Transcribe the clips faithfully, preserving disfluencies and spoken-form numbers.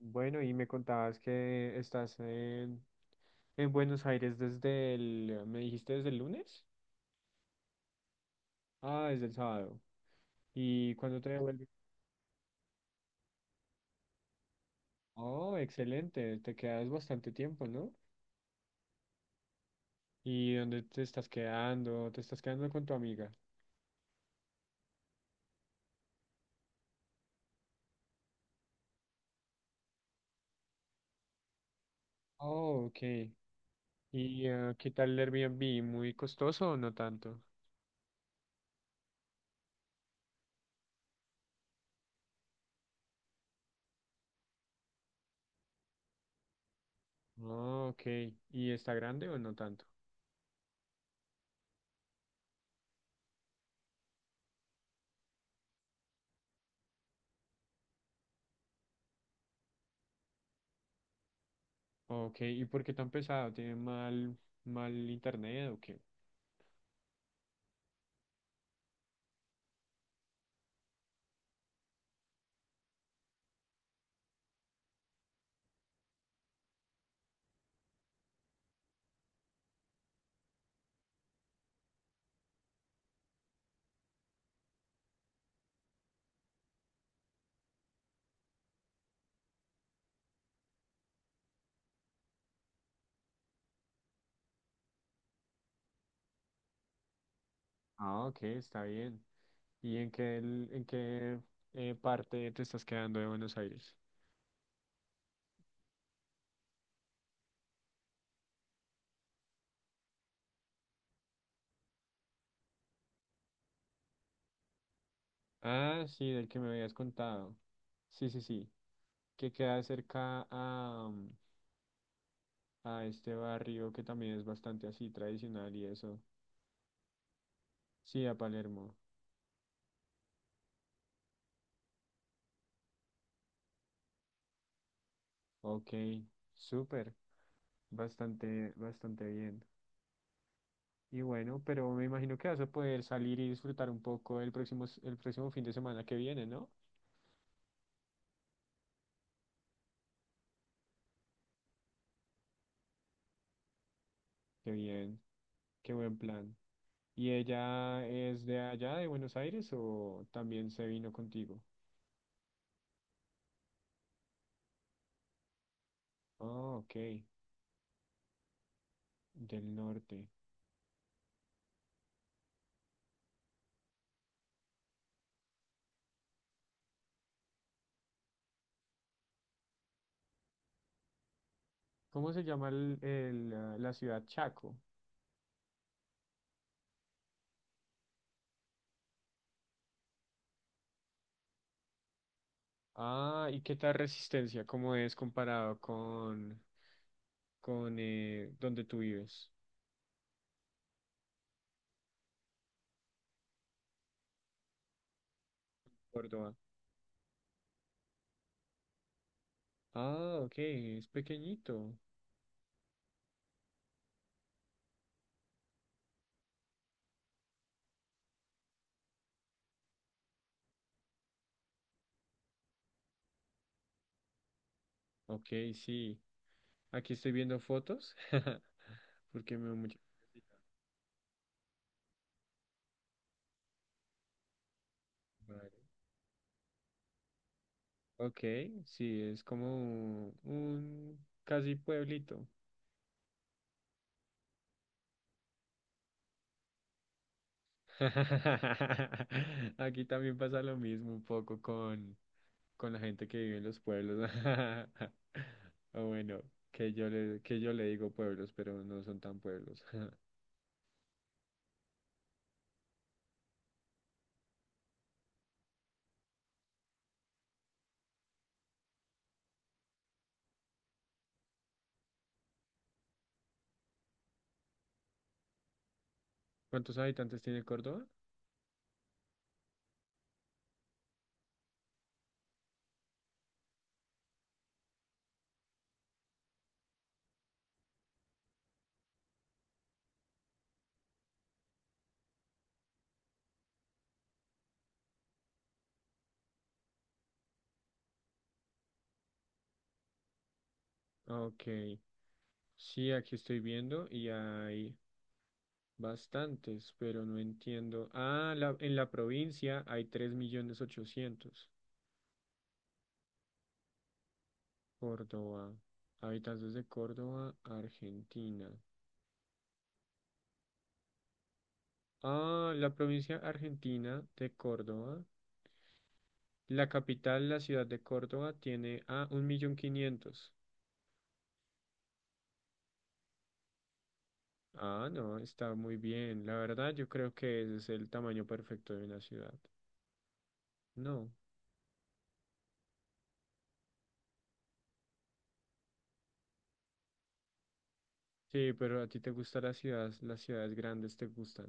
Bueno, y me contabas que estás en, en Buenos Aires desde el, ¿me dijiste desde el lunes? Ah, desde el sábado. ¿Y cuándo te devuelves? Oh, excelente, te quedas bastante tiempo, ¿no? ¿Y dónde te estás quedando? ¿Te estás quedando con tu amiga? Oh, ok. ¿Y eh, qué tal el Airbnb? ¿Muy costoso o no tanto? Oh, ok. ¿Y está grande o no tanto? Ok, ¿y por qué tan pesado? ¿Tiene mal, mal internet o qué? Ah, ok, está bien. ¿Y en qué, el- en qué eh, parte te estás quedando de Buenos Aires? Ah, sí, del que me habías contado. Sí, sí, sí. Que queda cerca a, mm, a este barrio que también es bastante así tradicional y eso. Sí, a Palermo. Ok, súper. Bastante, bastante bien. Y bueno, pero me imagino que vas a poder salir y disfrutar un poco el próximo, s- el próximo fin de semana que viene, ¿no? Qué bien, qué buen plan. ¿Y ella es de allá, de Buenos Aires, o también se vino contigo? Ah, ok, del norte. ¿Cómo se llama el- el, ah, la ciudad Chaco? Ah, ¿y qué tal Resistencia? ¿Cómo es comparado con, con eh, donde tú vives, Córdoba? Ah, ok, es pequeñito. Ok, sí. Aquí estoy viendo fotos porque me da mucha madre. Ok, sí, es como un casi pueblito. Aquí también pasa lo mismo un poco con, con la gente que vive en los pueblos. O bueno, que yo le, que yo le digo pueblos, pero no son tan pueblos. ¿Cuántos habitantes tiene Córdoba? Ok, sí, aquí estoy viendo y hay bastantes, pero no entiendo. Ah, la- en la provincia hay tres millones ochocientos. Córdoba, habitantes de Córdoba, Argentina. Ah, la provincia argentina de Córdoba. La capital, la ciudad de Córdoba, tiene a un millón quinientos. Ah, no, está muy bien. La verdad, yo creo que ese es el tamaño perfecto de una ciudad. No. Sí, pero a ti te gustan las ciudades, las ciudades grandes te gustan.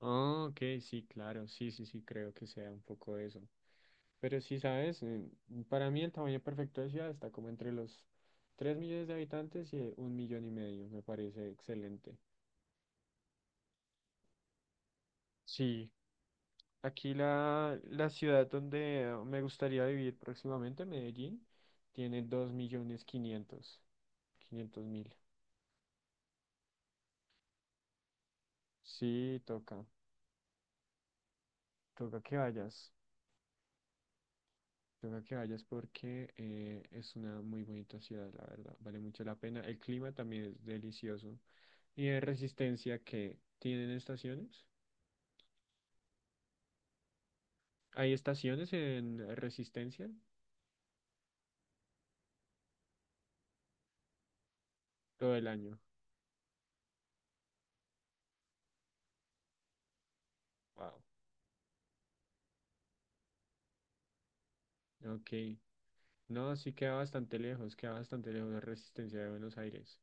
Ah, ok, sí, claro, sí, sí, sí, creo que sea un poco eso. Pero sí, sabes, Eh, para mí el tamaño perfecto de ciudad está como entre los tres millones de habitantes y eh, un millón y medio, me parece excelente. Sí, aquí la, la ciudad donde eh, me gustaría vivir próximamente, Medellín, tiene dos millones quinientos mil. Sí, toca, toca que vayas, toca que vayas porque eh, es una muy bonita ciudad, la verdad, vale mucho la pena. El clima también es delicioso y de Resistencia que tienen estaciones. ¿Hay estaciones en Resistencia todo el año? Wow. Ok. No, sí queda bastante lejos, queda bastante lejos de Resistencia de Buenos Aires.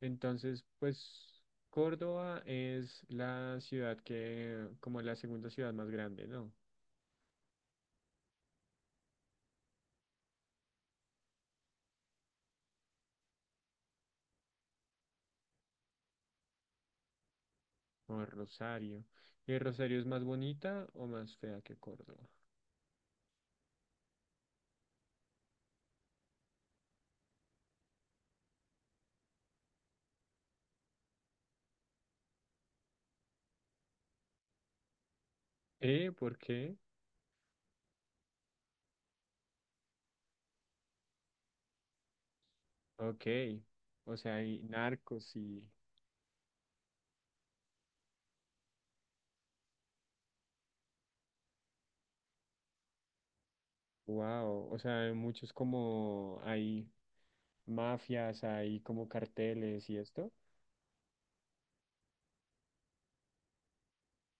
Entonces, pues Córdoba es la ciudad que, como la segunda ciudad más grande, ¿no? O Rosario. ¿Y Rosario es más bonita o más fea que Córdoba? ¿Eh? ¿Por qué? Ok. O sea, hay narcos y... Wow. O sea, hay muchos como... Hay mafias, hay como carteles y esto.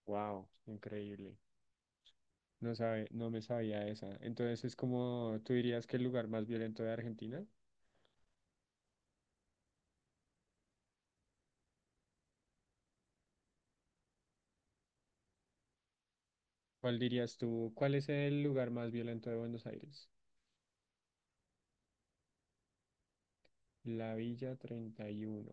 Wow. Increíble. No sabe, no me sabía esa. Entonces es como, ¿tú dirías que el lugar más violento de Argentina? ¿Cuál dirías tú? ¿Cuál es el lugar más violento de Buenos Aires? La Villa treinta y uno.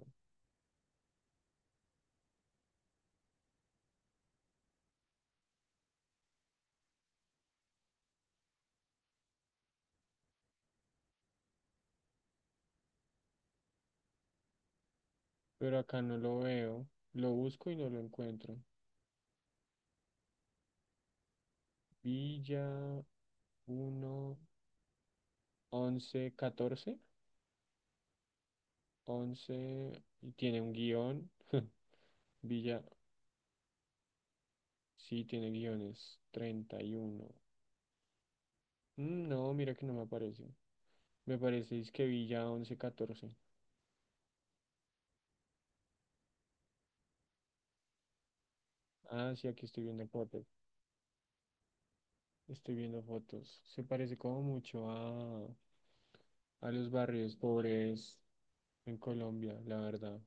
Pero acá no lo veo. Lo busco y no lo encuentro. Villa uno once catorce once. Y tiene un guión. Villa. Sí, tiene guiones. treinta y uno. Mm, No, mira que no me aparece. Me parece es que Villa once catorce. Ah, sí, aquí estoy viendo fotos. Estoy viendo fotos. Se parece como mucho a, a los barrios pobres en Colombia, la verdad.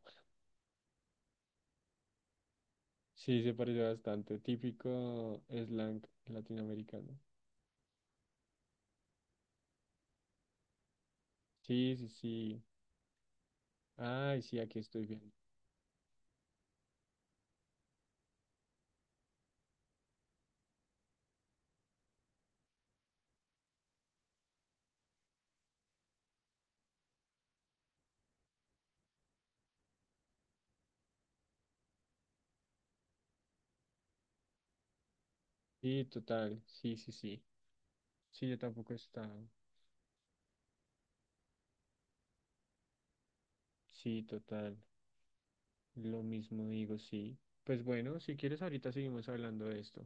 Sí, se parece bastante. Típico slang latinoamericano. Sí, sí, sí. Ay, sí, aquí estoy viendo. Sí, total. Sí, sí, sí. Sí, yo tampoco estaba. Sí, total. Lo mismo digo, sí. Pues bueno, si quieres, ahorita seguimos hablando de esto.